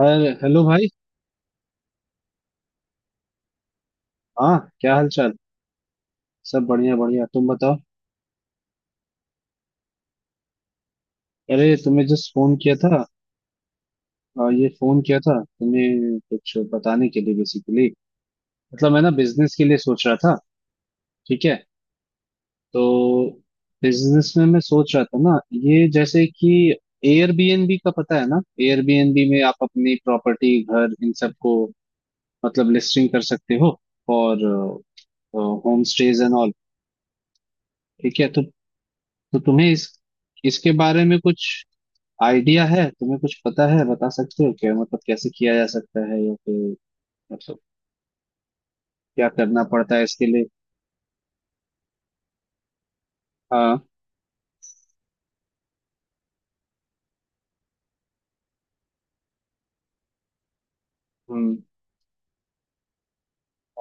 अरे हेलो भाई। हाँ क्या हाल चाल। सब बढ़िया बढ़िया तुम बताओ। अरे तुम्हें जस्ट फोन किया था। ये फोन किया था तुम्हें कुछ बताने के लिए बेसिकली। मतलब मैं ना बिजनेस के लिए सोच रहा था। ठीक है तो बिजनेस में मैं सोच रहा था ना। ये जैसे कि एयरबीएनबी का पता है ना। एयरबीएनबी में आप अपनी प्रॉपर्टी घर इन सबको मतलब लिस्टिंग कर सकते हो और होम स्टेज एंड ऑल। ठीक है तो तुम्हें इस इसके बारे में कुछ आइडिया है, तुम्हें कुछ पता है, बता सकते हो क्या मतलब कैसे किया जा सकता है या फिर मतलब क्या करना पड़ता है इसके लिए। हाँ। हम्म।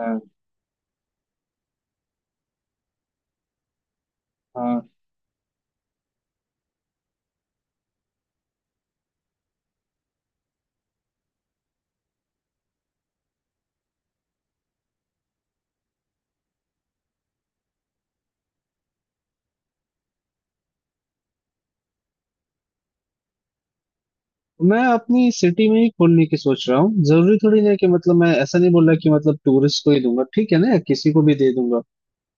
हाँ हाँ। मैं अपनी सिटी में ही खोलने की सोच रहा हूँ। जरूरी थोड़ी है कि मतलब मैं ऐसा नहीं बोल रहा कि मतलब टूरिस्ट को ही दूंगा, ठीक है ना, या किसी को भी दे दूंगा।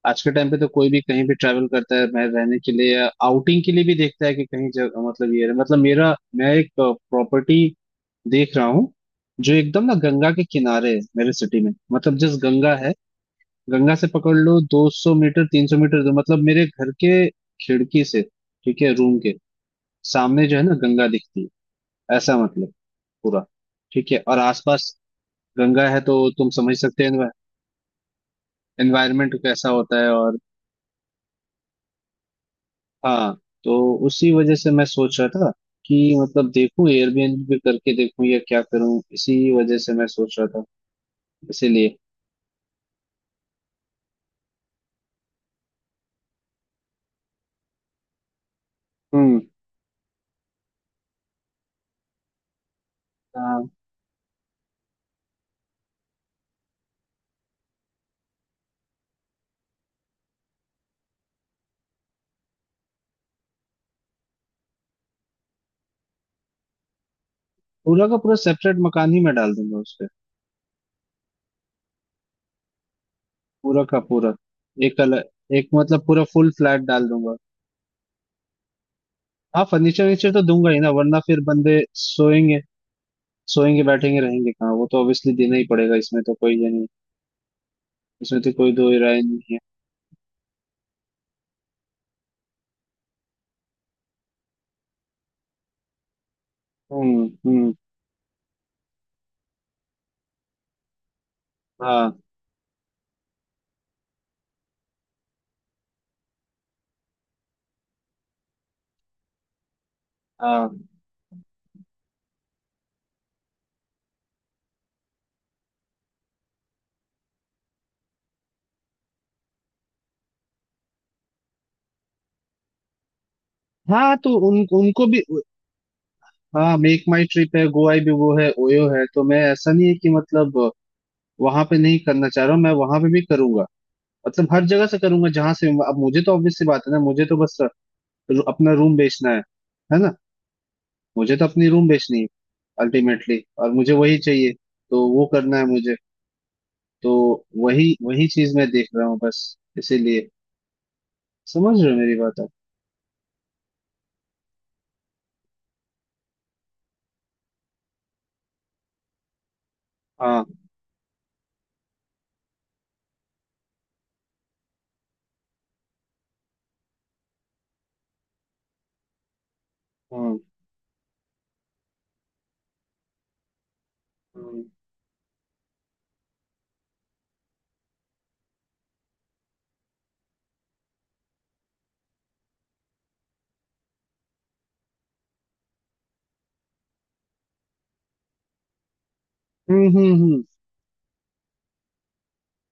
आज के टाइम पे तो कोई भी कहीं भी ट्रैवल करता है मैं रहने के लिए या आउटिंग के लिए भी देखता है कि कहीं जग, मतलब ये मतलब मेरा मैं एक प्रॉपर्टी देख रहा हूँ जो एकदम ना गंगा के किनारे है मेरे सिटी में। मतलब जिस गंगा है, गंगा से पकड़ लो 200 मीटर 300 मीटर दूर मतलब मेरे घर के खिड़की से, ठीक है, रूम के सामने जो है ना गंगा दिखती है। ऐसा मतलब पूरा ठीक है और आसपास गंगा है तो तुम समझ सकते हो एनवायरमेंट कैसा होता है। और हाँ, तो उसी वजह से मैं सोच रहा था कि मतलब देखूं एयरबीएनबी पे करके देखूं या क्या करूं, इसी वजह से मैं सोच रहा था इसीलिए। हम्म। हाँ, पूरा का पूरा सेपरेट मकान ही मैं डाल दूंगा उस पे। पूरा का पूरा एक अलग, एक मतलब पूरा फुल फ्लैट डाल दूंगा। हाँ फर्नीचर वर्नीचर तो दूंगा ही ना वरना फिर बंदे सोएंगे सोएंगे बैठेंगे रहेंगे कहाँ। वो तो ऑब्वियसली देना ही पड़ेगा। इसमें तो कोई ये नहीं, इसमें तो कोई दो राय नहीं है। हम्म। हाँ हाँ। हाँ तो उन उनको भी। हाँ मेक माई ट्रिप है, गोवा भी वो है, ओयो है। तो मैं ऐसा नहीं है कि मतलब वहां पे नहीं करना चाह रहा हूँ, मैं वहां पे भी करूंगा। मतलब हर जगह से करूंगा जहां से। अब मुझे तो ऑब्वियस सी बात है ना, मुझे तो बस रू- अपना रूम बेचना है ना। मुझे तो अपनी रूम बेचनी है अल्टीमेटली और मुझे वही चाहिए। तो वो करना है मुझे, तो वही वही चीज मैं देख रहा हूँ बस, इसीलिए। समझ रहे हो मेरी बात आप। हाँ हाँ हाँ। हम्म।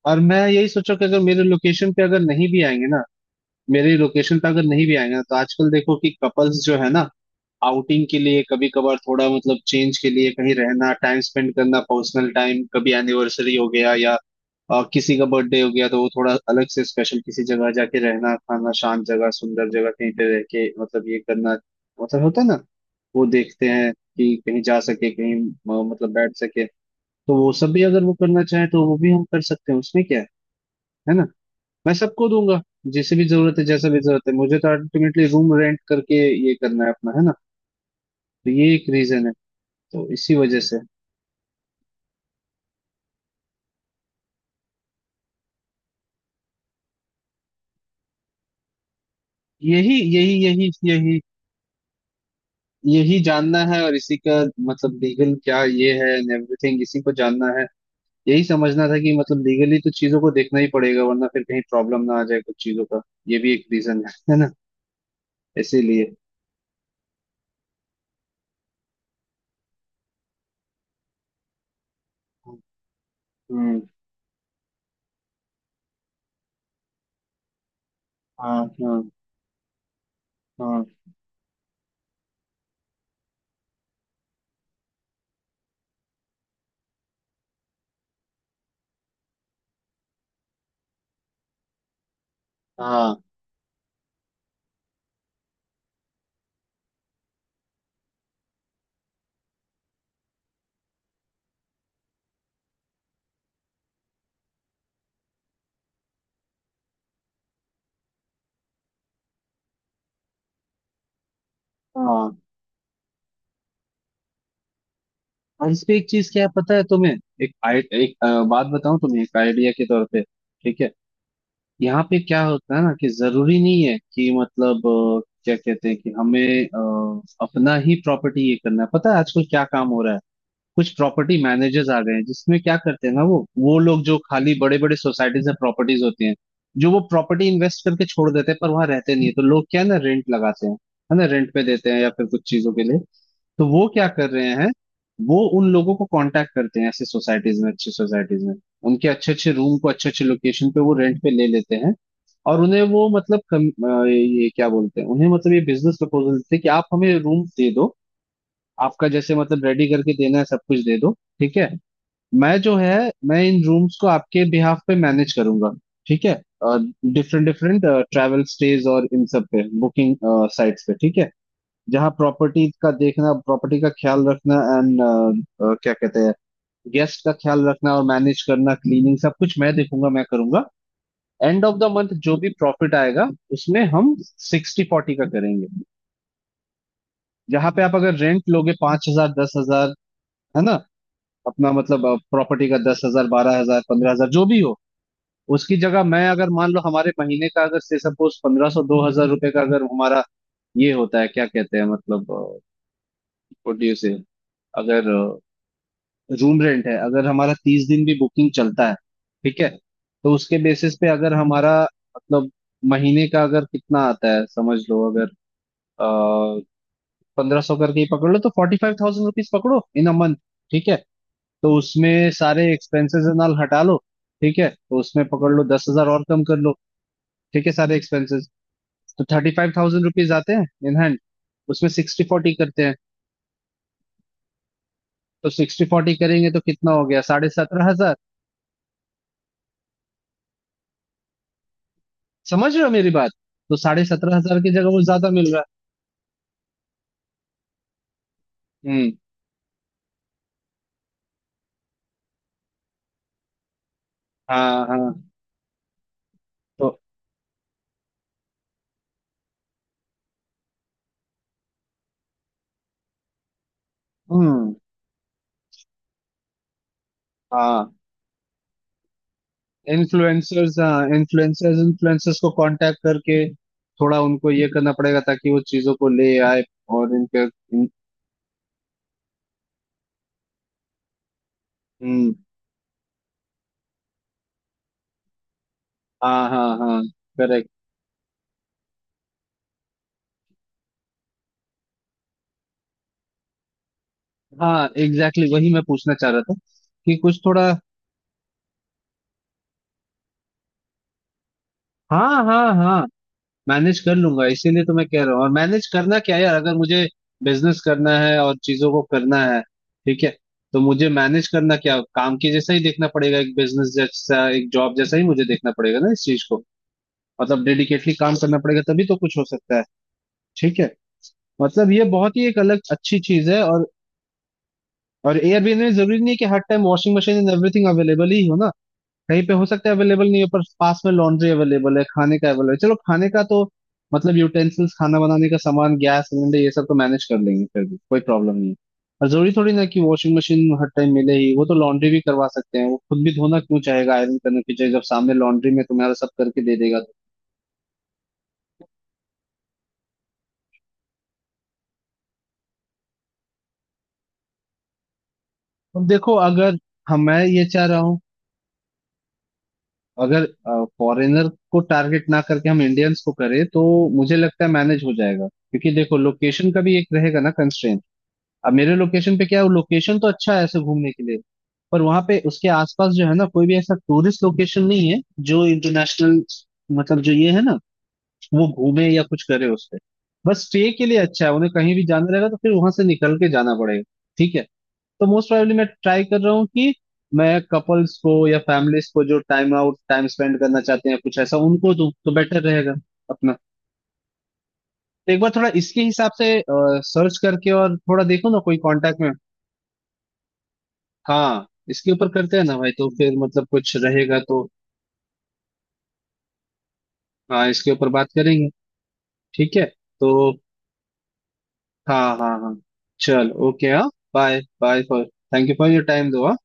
और मैं यही सोचा कि अगर मेरे लोकेशन पे अगर नहीं भी आएंगे ना, मेरी लोकेशन पे अगर नहीं भी आएंगे ना तो आजकल देखो कि कपल्स जो है ना आउटिंग के लिए कभी कभार थोड़ा मतलब चेंज के लिए कहीं रहना, टाइम स्पेंड करना, पर्सनल टाइम, कभी एनिवर्सरी हो गया या किसी का बर्थडे हो गया तो वो थोड़ा अलग से स्पेशल किसी जगह जाके रहना, खाना, शांत जगह, सुंदर जगह, कहीं पे रह के मतलब ये करना, मतलब होता है ना। वो देखते हैं कि कहीं जा सके कहीं मतलब बैठ सके। तो वो सब भी अगर वो करना चाहे तो वो भी हम कर सकते हैं, उसमें क्या है ना। मैं सबको दूंगा जिसे भी जरूरत है जैसा भी जरूरत है। मुझे तो अल्टीमेटली रूम रेंट करके ये करना है अपना, है ना। तो ये एक रीजन है, तो इसी वजह से। यही यही यही यही यही जानना है और इसी का मतलब लीगल क्या ये है एंड एवरीथिंग इसी को जानना है। यही समझना था कि मतलब लीगली तो चीजों को देखना ही पड़ेगा वरना फिर कहीं प्रॉब्लम ना आ जाए कुछ चीजों का। ये भी एक रीजन है ना, इसीलिए। हम्म। हाँ हाँ हाँ हाँ हाँ। और इस पे एक चीज क्या है पता है तुम्हें, एक बात बताऊं तुम्हें एक आइडिया के तौर पे। ठीक है। यहाँ पे क्या होता है ना कि जरूरी नहीं है कि मतलब क्या कहते हैं कि हमें अपना ही प्रॉपर्टी ये करना है। पता है आजकल क्या काम हो रहा है, कुछ प्रॉपर्टी मैनेजर्स आ गए हैं जिसमें क्या करते हैं ना वो लोग जो खाली बड़े बड़े सोसाइटीज में प्रॉपर्टीज होती हैं जो वो प्रॉपर्टी इन्वेस्ट करके छोड़ देते हैं पर वहां रहते नहीं है तो लोग क्या है ना रेंट लगाते हैं, है ना, रेंट पे देते हैं या फिर कुछ चीजों के लिए। तो वो क्या कर रहे हैं, वो उन लोगों को कांटेक्ट करते हैं ऐसे सोसाइटीज में, अच्छी सोसाइटीज में, उनके अच्छे अच्छे रूम को अच्छे अच्छे लोकेशन पे वो रेंट पे ले लेते हैं। और उन्हें वो मतलब ये क्या बोलते हैं उन्हें, मतलब ये बिजनेस प्रपोजल देते हैं कि आप हमें रूम दे दो, आपका जैसे मतलब रेडी करके देना है सब कुछ दे दो। ठीक है, मैं जो है मैं इन रूम्स को आपके बिहाफ पे मैनेज करूंगा। ठीक है, डिफरेंट डिफरेंट ट्रैवल स्टेज और इन सब पे बुकिंग साइट्स पे, ठीक है, जहाँ प्रॉपर्टी का देखना, प्रॉपर्टी का ख्याल रखना एंड क्या कहते हैं गेस्ट का ख्याल रखना और मैनेज करना, क्लीनिंग, सब कुछ मैं देखूंगा मैं करूंगा। एंड ऑफ द मंथ जो भी प्रॉफिट आएगा उसमें हम सिक्सटी फोर्टी का करेंगे। जहाँ पे आप अगर रेंट लोगे पांच हजार दस हजार, है ना, अपना मतलब प्रॉपर्टी का दस हजार बारह हजार पंद्रह हजार जो भी हो, उसकी जगह मैं अगर मान लो हमारे महीने का अगर से सपोज पंद्रह सौ दो हजार रुपये का अगर हमारा ये होता है क्या कहते हैं मतलब प्रोड्यूस, अगर रूम रेंट है अगर हमारा, तीस दिन भी बुकिंग चलता है ठीक है तो उसके बेसिस पे अगर हमारा मतलब महीने का अगर कितना आता है समझ लो अगर पंद्रह सौ करके ही पकड़ लो तो फोर्टी फाइव थाउजेंड रुपीज पकड़ो इन अ मंथ। ठीक है, तो उसमें सारे एक्सपेंसेस नाल हटा लो, ठीक है, तो उसमें पकड़ लो दस हजार और कम कर लो, ठीक है, सारे एक्सपेंसेस, तो थर्टी फाइव थाउजेंड रुपीज आते हैं इन हैंड। उसमें सिक्सटी फोर्टी करते हैं, तो सिक्सटी फोर्टी करेंगे तो कितना हो गया साढ़े सत्रह हजार। समझ रहे हो मेरी बात। तो साढ़े सत्रह हजार की जगह वो ज्यादा मिल रहा है। हाँ हाँ। तो हम्म हाँ। इन्फ्लुएंसर्स, हाँ, इन्फ्लुएंसर्स इन्फ्लुएंसर्स को कांटेक्ट करके थोड़ा उनको ये करना पड़ेगा ताकि वो चीजों को ले आए। और इनके। हम्म हाँ हाँ हाँ। करेक्ट। हाँ एग्जैक्टली, exactly, वही मैं पूछना चाह रहा था कि कुछ थोड़ा। हाँ हाँ हाँ मैनेज कर लूंगा, इसीलिए तो मैं कह रहा हूँ। और मैनेज करना क्या यार, अगर मुझे बिजनेस करना है और चीजों को करना है, ठीक है, तो मुझे मैनेज करना क्या, काम के जैसा ही देखना पड़ेगा, एक बिजनेस जैसा एक जॉब जैसा ही मुझे देखना पड़ेगा ना इस चीज को। मतलब डेडिकेटली काम करना पड़ेगा तभी तो कुछ हो सकता है। ठीक है, मतलब ये बहुत ही एक अलग अच्छी चीज है। और एयरबीएनबी जरूरी नहीं है कि हर time washing machine and everything available ही हो ना। कहीं पे हो सकता है अवेलेबल नहीं है पर पास में लॉन्ड्री अवेलेबल है, खाने का अवेलेबल है, चलो खाने का तो मतलब यूटेंसिल्स, खाना बनाने का सामान, गैस सिलेंडर ये सब तो मैनेज कर लेंगे, फिर भी कोई प्रॉब्लम नहीं है। और जरूरी थोड़ी ना कि वॉशिंग मशीन हर टाइम मिले ही वो, तो लॉन्ड्री भी करवा सकते हैं। वो खुद भी धोना क्यों चाहेगा आयरन करने की जगह जब सामने लॉन्ड्री में तुम्हारा सब करके दे देगा तो। अब देखो अगर हम मैं ये चाह रहा हूँ, अगर फॉरेनर को टारगेट ना करके हम इंडियंस को करें तो मुझे लगता है मैनेज हो जाएगा क्योंकि देखो लोकेशन का भी एक रहेगा ना कंस्ट्रेंट। अब मेरे लोकेशन पे क्या है, लोकेशन तो अच्छा है ऐसे घूमने के लिए पर वहां पे उसके आसपास जो है ना कोई भी ऐसा टूरिस्ट लोकेशन नहीं है जो इंटरनेशनल मतलब जो ये है ना वो घूमे या कुछ करे उस पे। बस स्टे के लिए अच्छा है, उन्हें कहीं भी जाना रहेगा तो फिर वहां से निकल के जाना पड़ेगा। ठीक है, तो मोस्ट प्रोबेबली मैं ट्राई कर रहा हूँ कि मैं कपल्स को या फैमिलीज को जो टाइम आउट टाइम स्पेंड करना चाहते हैं कुछ ऐसा उनको दूं तो बेटर रहेगा अपना। तो एक बार थोड़ा इसके हिसाब से सर्च करके और थोड़ा देखो ना, कोई कांटेक्ट में। हाँ इसके ऊपर करते हैं ना भाई, तो फिर मतलब कुछ रहेगा तो। हाँ इसके ऊपर बात करेंगे। ठीक है। तो हाँ हाँ हाँ, चल ओके, हाँ bye bye for, thank you for your time दो हाँ।